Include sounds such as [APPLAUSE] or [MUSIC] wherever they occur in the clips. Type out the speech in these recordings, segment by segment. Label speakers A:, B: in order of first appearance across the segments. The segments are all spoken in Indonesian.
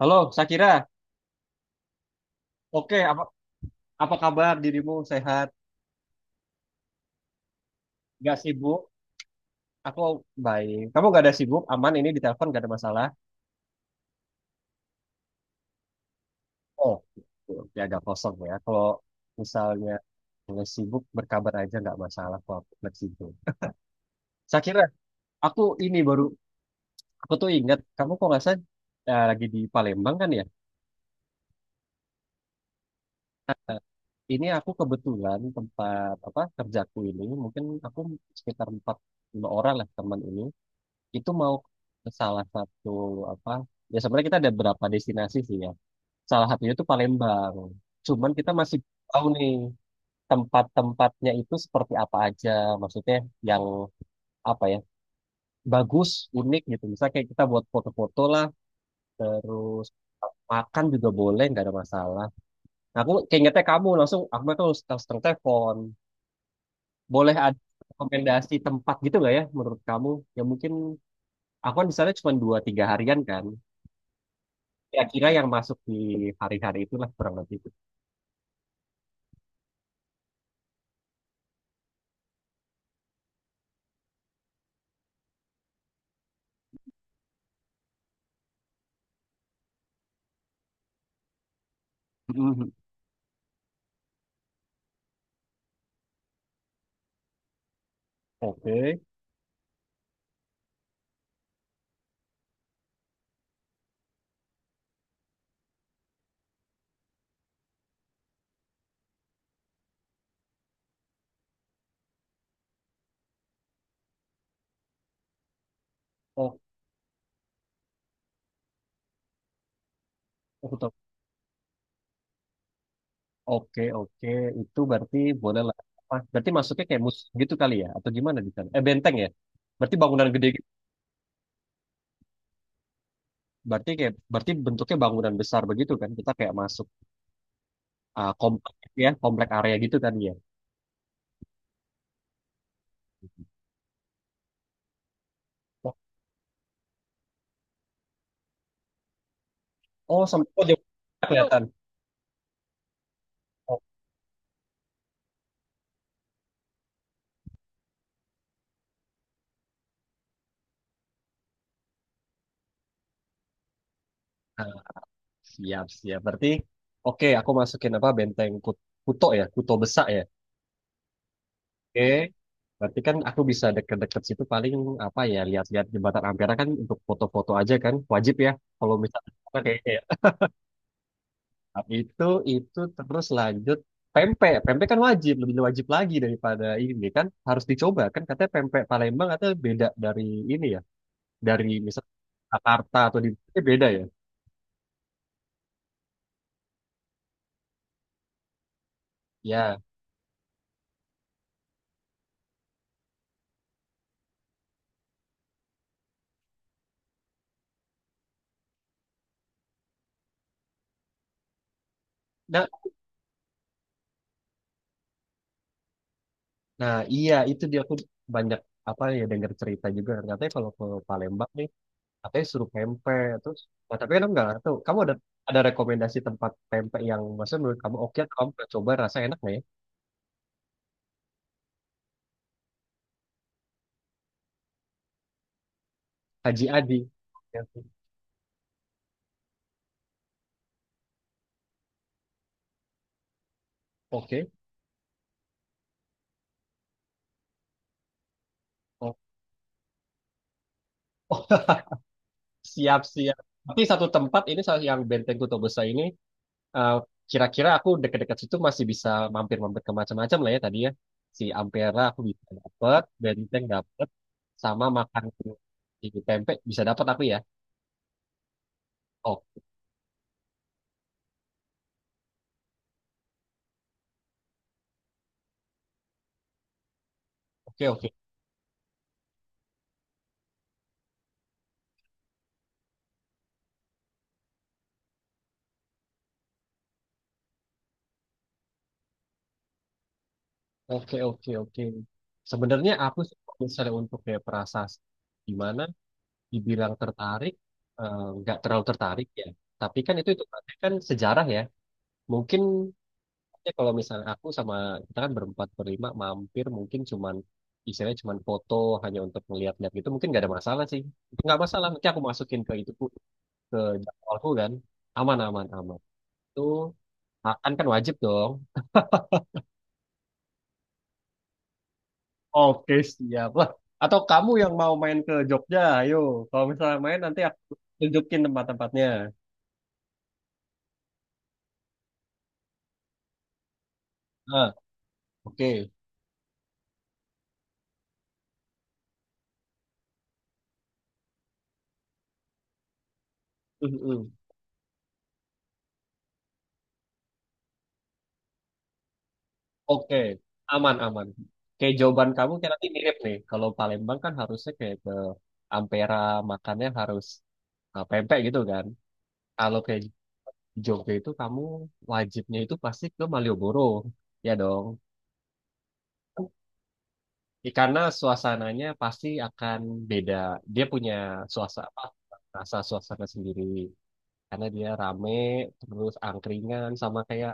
A: Halo, Sakira. Oke, apa apa kabar dirimu? Sehat? Gak sibuk? Aku baik. Kamu gak ada sibuk? Aman ini di telepon, gak ada masalah? Oh, gitu. Oke, agak kosong ya. Kalau misalnya nggak sibuk, berkabar aja nggak masalah. Kalau aku fleksibel. Sakira, aku ini baru, aku tuh ingat kamu, kok nggak sadar lagi di Palembang kan ya? Eh, ini aku kebetulan tempat apa kerjaku ini, mungkin aku sekitar empat lima orang lah teman ini. Itu mau ke salah satu apa, ya sebenarnya kita ada berapa destinasi sih ya, salah satunya itu Palembang, cuman kita masih tahu nih tempat-tempatnya itu seperti apa aja, maksudnya yang apa ya, bagus, unik gitu, misalnya kayak kita buat foto-foto lah, terus makan juga boleh, nggak ada masalah. Nah, aku keingetnya kamu, langsung aku tuh langsung langsung telepon, boleh ada rekomendasi tempat gitu nggak ya menurut kamu. Ya mungkin aku kan di sana cuma dua tiga harian kan, kira-kira yang masuk di hari-hari itulah kurang lebih. Mhm. Oke. O- oh, tetap. Oke, oke, itu berarti boleh lah. Apa, berarti masuknya kayak mus gitu kali ya, atau gimana di sana? Eh, benteng ya? Berarti bangunan gede gitu. Berarti bentuknya bangunan besar begitu kan? Kita kayak masuk komplek, ya, komplek area gitu kan ya? Oh, oh sampai oh jauh kelihatan. Oh, nah, siap, siap. Berarti oke, aku masukin apa, benteng Kuto ya, Kuto Besak ya. Oke, berarti kan aku bisa deket-deket situ, paling apa ya, lihat-lihat jembatan Ampera kan, untuk foto-foto aja kan wajib ya kalau misalnya, apa, kayaknya ya. Nah, itu terus lanjut pempek, pempek kan wajib, lebih wajib lagi daripada ini, kan harus dicoba kan, katanya pempek Palembang katanya beda dari ini ya, dari misal Jakarta, atau di, beda ya. Ya, nah, nah iya, itu dia, aku banyak apa ya dengar cerita juga, katanya kalau ke Palembang nih katanya suruh pempek terus. Nah, tapi kan aku nggak tahu kamu ada rekomendasi tempat pempek yang, maksudnya menurut kamu oke, atau kamu pernah coba rasa enak nggak ya. Haji Adi. Ya. Oke. Oh, [LAUGHS] siap, siap. Tapi satu tempat ini, yang Benteng Kuto Besar ini, eh, kira-kira aku dekat-dekat situ masih bisa mampir-mampir ke macam-macam lah ya, tadi ya, si Ampera aku bisa dapet, Benteng dapet, sama makan di pempek bisa dapat aku ya. Oh, oke, oke. Oke, oke, oke. Sebenarnya aku sih kalau misalnya untuk kayak prasasti, gimana dibilang tertarik, nggak terlalu tertarik ya. Tapi kan itu kan sejarah ya. Mungkin ya, kalau misalnya aku sama, kita kan berempat berlima mampir, mungkin cuman istilahnya cuman foto, hanya untuk melihat-lihat gitu, mungkin nggak ada masalah sih. Itu nggak masalah, nanti aku masukin ke itu, ke jadwalku kan. Aman, aman, aman. Itu akan kan kan wajib dong. Oke, siap lah. Atau kamu yang mau main ke Jogja, ayo. Kalau misalnya main, nanti aku tunjukin tempat-tempatnya. Nah, oke. Mm-mm. Oke, aman, aman. Kayak jawaban kamu kayak nanti mirip nih. Kalau Palembang kan harusnya kayak ke Ampera, makannya harus, pempek gitu kan. Kalau kayak Jogja itu kamu wajibnya itu pasti ke Malioboro. Ya dong. Ya, karena suasananya pasti akan beda. Dia punya suasana, rasa suasana sendiri. Karena dia rame, terus angkringan, sama kayak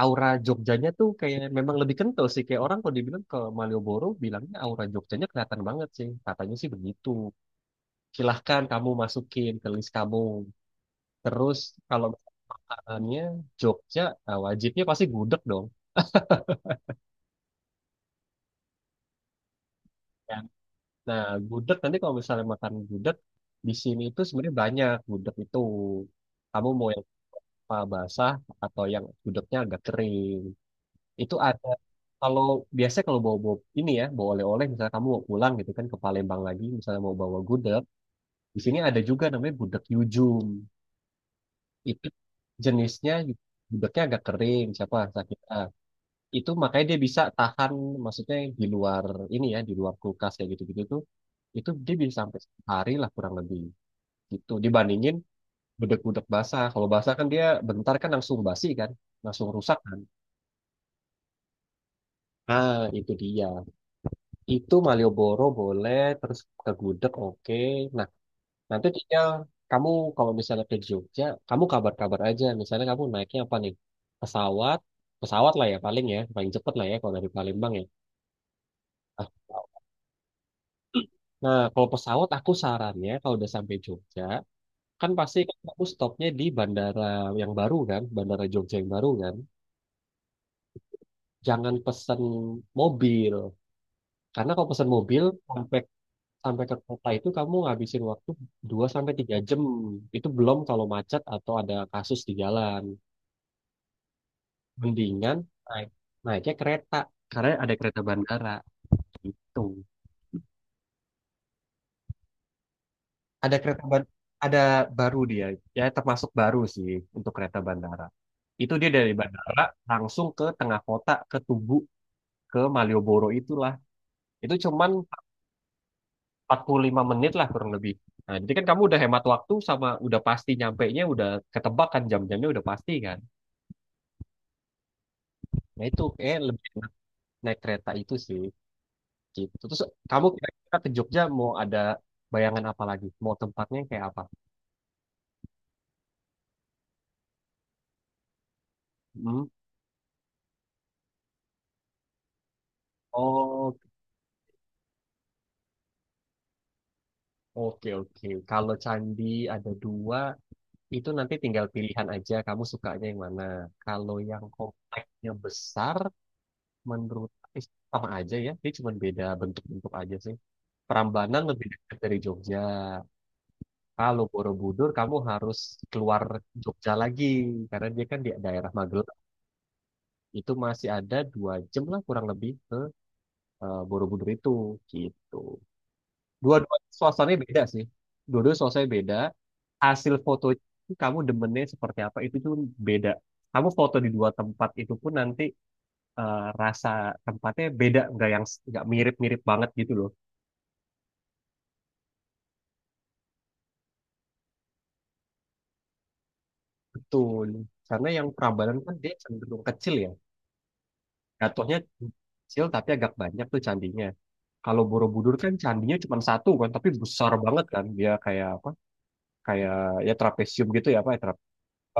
A: aura Jogjanya tuh kayak memang lebih kental sih. Kayak orang kalau dibilang ke Malioboro, bilangnya aura Jogjanya kelihatan banget sih. Katanya sih begitu. Silahkan kamu masukin ke list kamu. Terus kalau makanannya Jogja, nah, wajibnya pasti gudeg dong. Ya, nah, gudeg, nanti kalau misalnya makan gudeg di sini itu sebenarnya banyak gudeg itu. Kamu mau yang apa, basah, atau yang gudegnya agak kering. Itu ada. Kalau biasanya kalau bawa, bawa ini ya, bawa oleh-oleh misalnya kamu mau pulang gitu kan, ke Palembang lagi misalnya mau bawa gudeg, di sini ada juga namanya gudeg Yujum. Itu jenisnya gudegnya agak kering, siapa sakit ah, itu makanya dia bisa tahan, maksudnya di luar ini ya, di luar kulkas kayak gitu-gitu tuh, itu dia bisa sampai sehari lah kurang lebih, gitu, dibandingin bedek-bedek basah. Kalau basah kan dia bentar kan langsung basi kan, langsung rusak kan. Ah, itu dia. Itu Malioboro boleh, terus ke gudeg, oke. Nah, nanti tinggal kamu, kalau misalnya ke Jogja kamu kabar-kabar aja, misalnya kamu naiknya apa nih, pesawat, pesawat lah ya paling, ya paling cepet lah ya kalau dari Palembang ya. Ah, nah, kalau pesawat aku sarannya kalau udah sampai Jogja, kan pasti kan aku stopnya di bandara yang baru kan, bandara Jogja yang baru kan. Jangan pesen mobil. Karena kalau pesen mobil, sampai sampai ke kota itu kamu ngabisin waktu 2 sampai 3 jam. Itu belum kalau macet atau ada kasus di jalan. Mendingan naik naiknya kereta, karena ada kereta bandara gitu. Ada kereta ban, ada baru dia, ya termasuk baru sih untuk kereta bandara. Itu dia dari bandara langsung ke tengah kota, ke Tugu, ke Malioboro itulah. Itu cuman 45 menit lah kurang lebih. Nah, jadi kan kamu udah hemat waktu, sama udah pasti nyampainya udah ketebak kan, jam-jamnya udah pasti kan. Nah, itu lebih enak naik kereta itu sih. Gitu. Terus kamu kira-kira ke Jogja mau ada bayangan apa lagi? Mau tempatnya kayak apa? Hmm? Oh, oke, oke. Kalau candi ada dua, itu nanti tinggal pilihan aja kamu sukanya yang mana. Kalau yang kompleksnya besar, menurut eh, sama aja ya. Dia cuma beda bentuk-bentuk aja sih. Prambanan lebih dekat dari Jogja. Kalau Borobudur, kamu harus keluar Jogja lagi. Karena dia kan di daerah Magelang. Itu masih ada 2 jam lah kurang lebih ke, Borobudur itu. Gitu. Dua-dua suasananya beda sih. Dua-dua suasananya beda. Hasil foto itu kamu demennya seperti apa itu tuh beda. Kamu foto di dua tempat itu pun nanti, rasa tempatnya beda, nggak yang nggak mirip-mirip banget gitu loh. Betul. Karena yang Prambanan kan dia cenderung kecil ya. Jatuhnya kecil tapi agak banyak tuh candinya. Kalau Borobudur kan candinya cuma satu kan, tapi besar banget kan. Dia kayak apa? Kayak, ya, trapesium gitu ya apa? Ya, trap-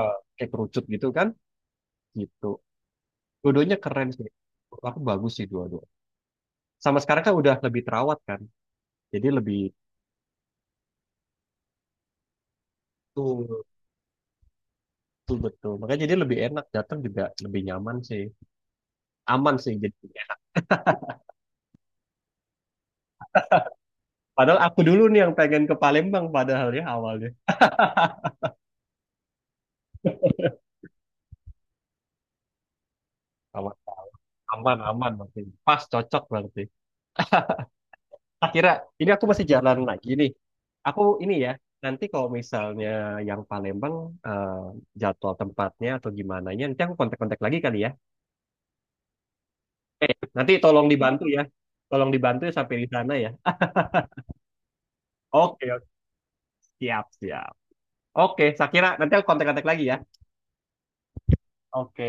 A: eh, kayak kerucut gitu kan? Gitu. Dua-duanya keren sih. Menurut aku bagus sih dua-dua. Sama sekarang kan udah lebih terawat kan. Jadi lebih tuh tuh betul. Makanya jadi lebih enak, datang juga lebih nyaman sih. Aman sih jadinya. Padahal aku dulu nih yang pengen ke Palembang padahal ya awalnya. Aman, aman, aman berarti. Pas cocok berarti. Akhirnya ini aku masih jalan lagi nih. Aku ini ya, nanti kalau misalnya yang Palembang, eh, jadwal tempatnya atau gimana ya, nanti aku kontak-kontak lagi kali ya. Nanti tolong dibantu ya. Tolong dibantu ya sampai di sana ya. Oke, oke. Siap, siap. Oke, Sakira, nanti aku kontak-kontak lagi ya. Oke.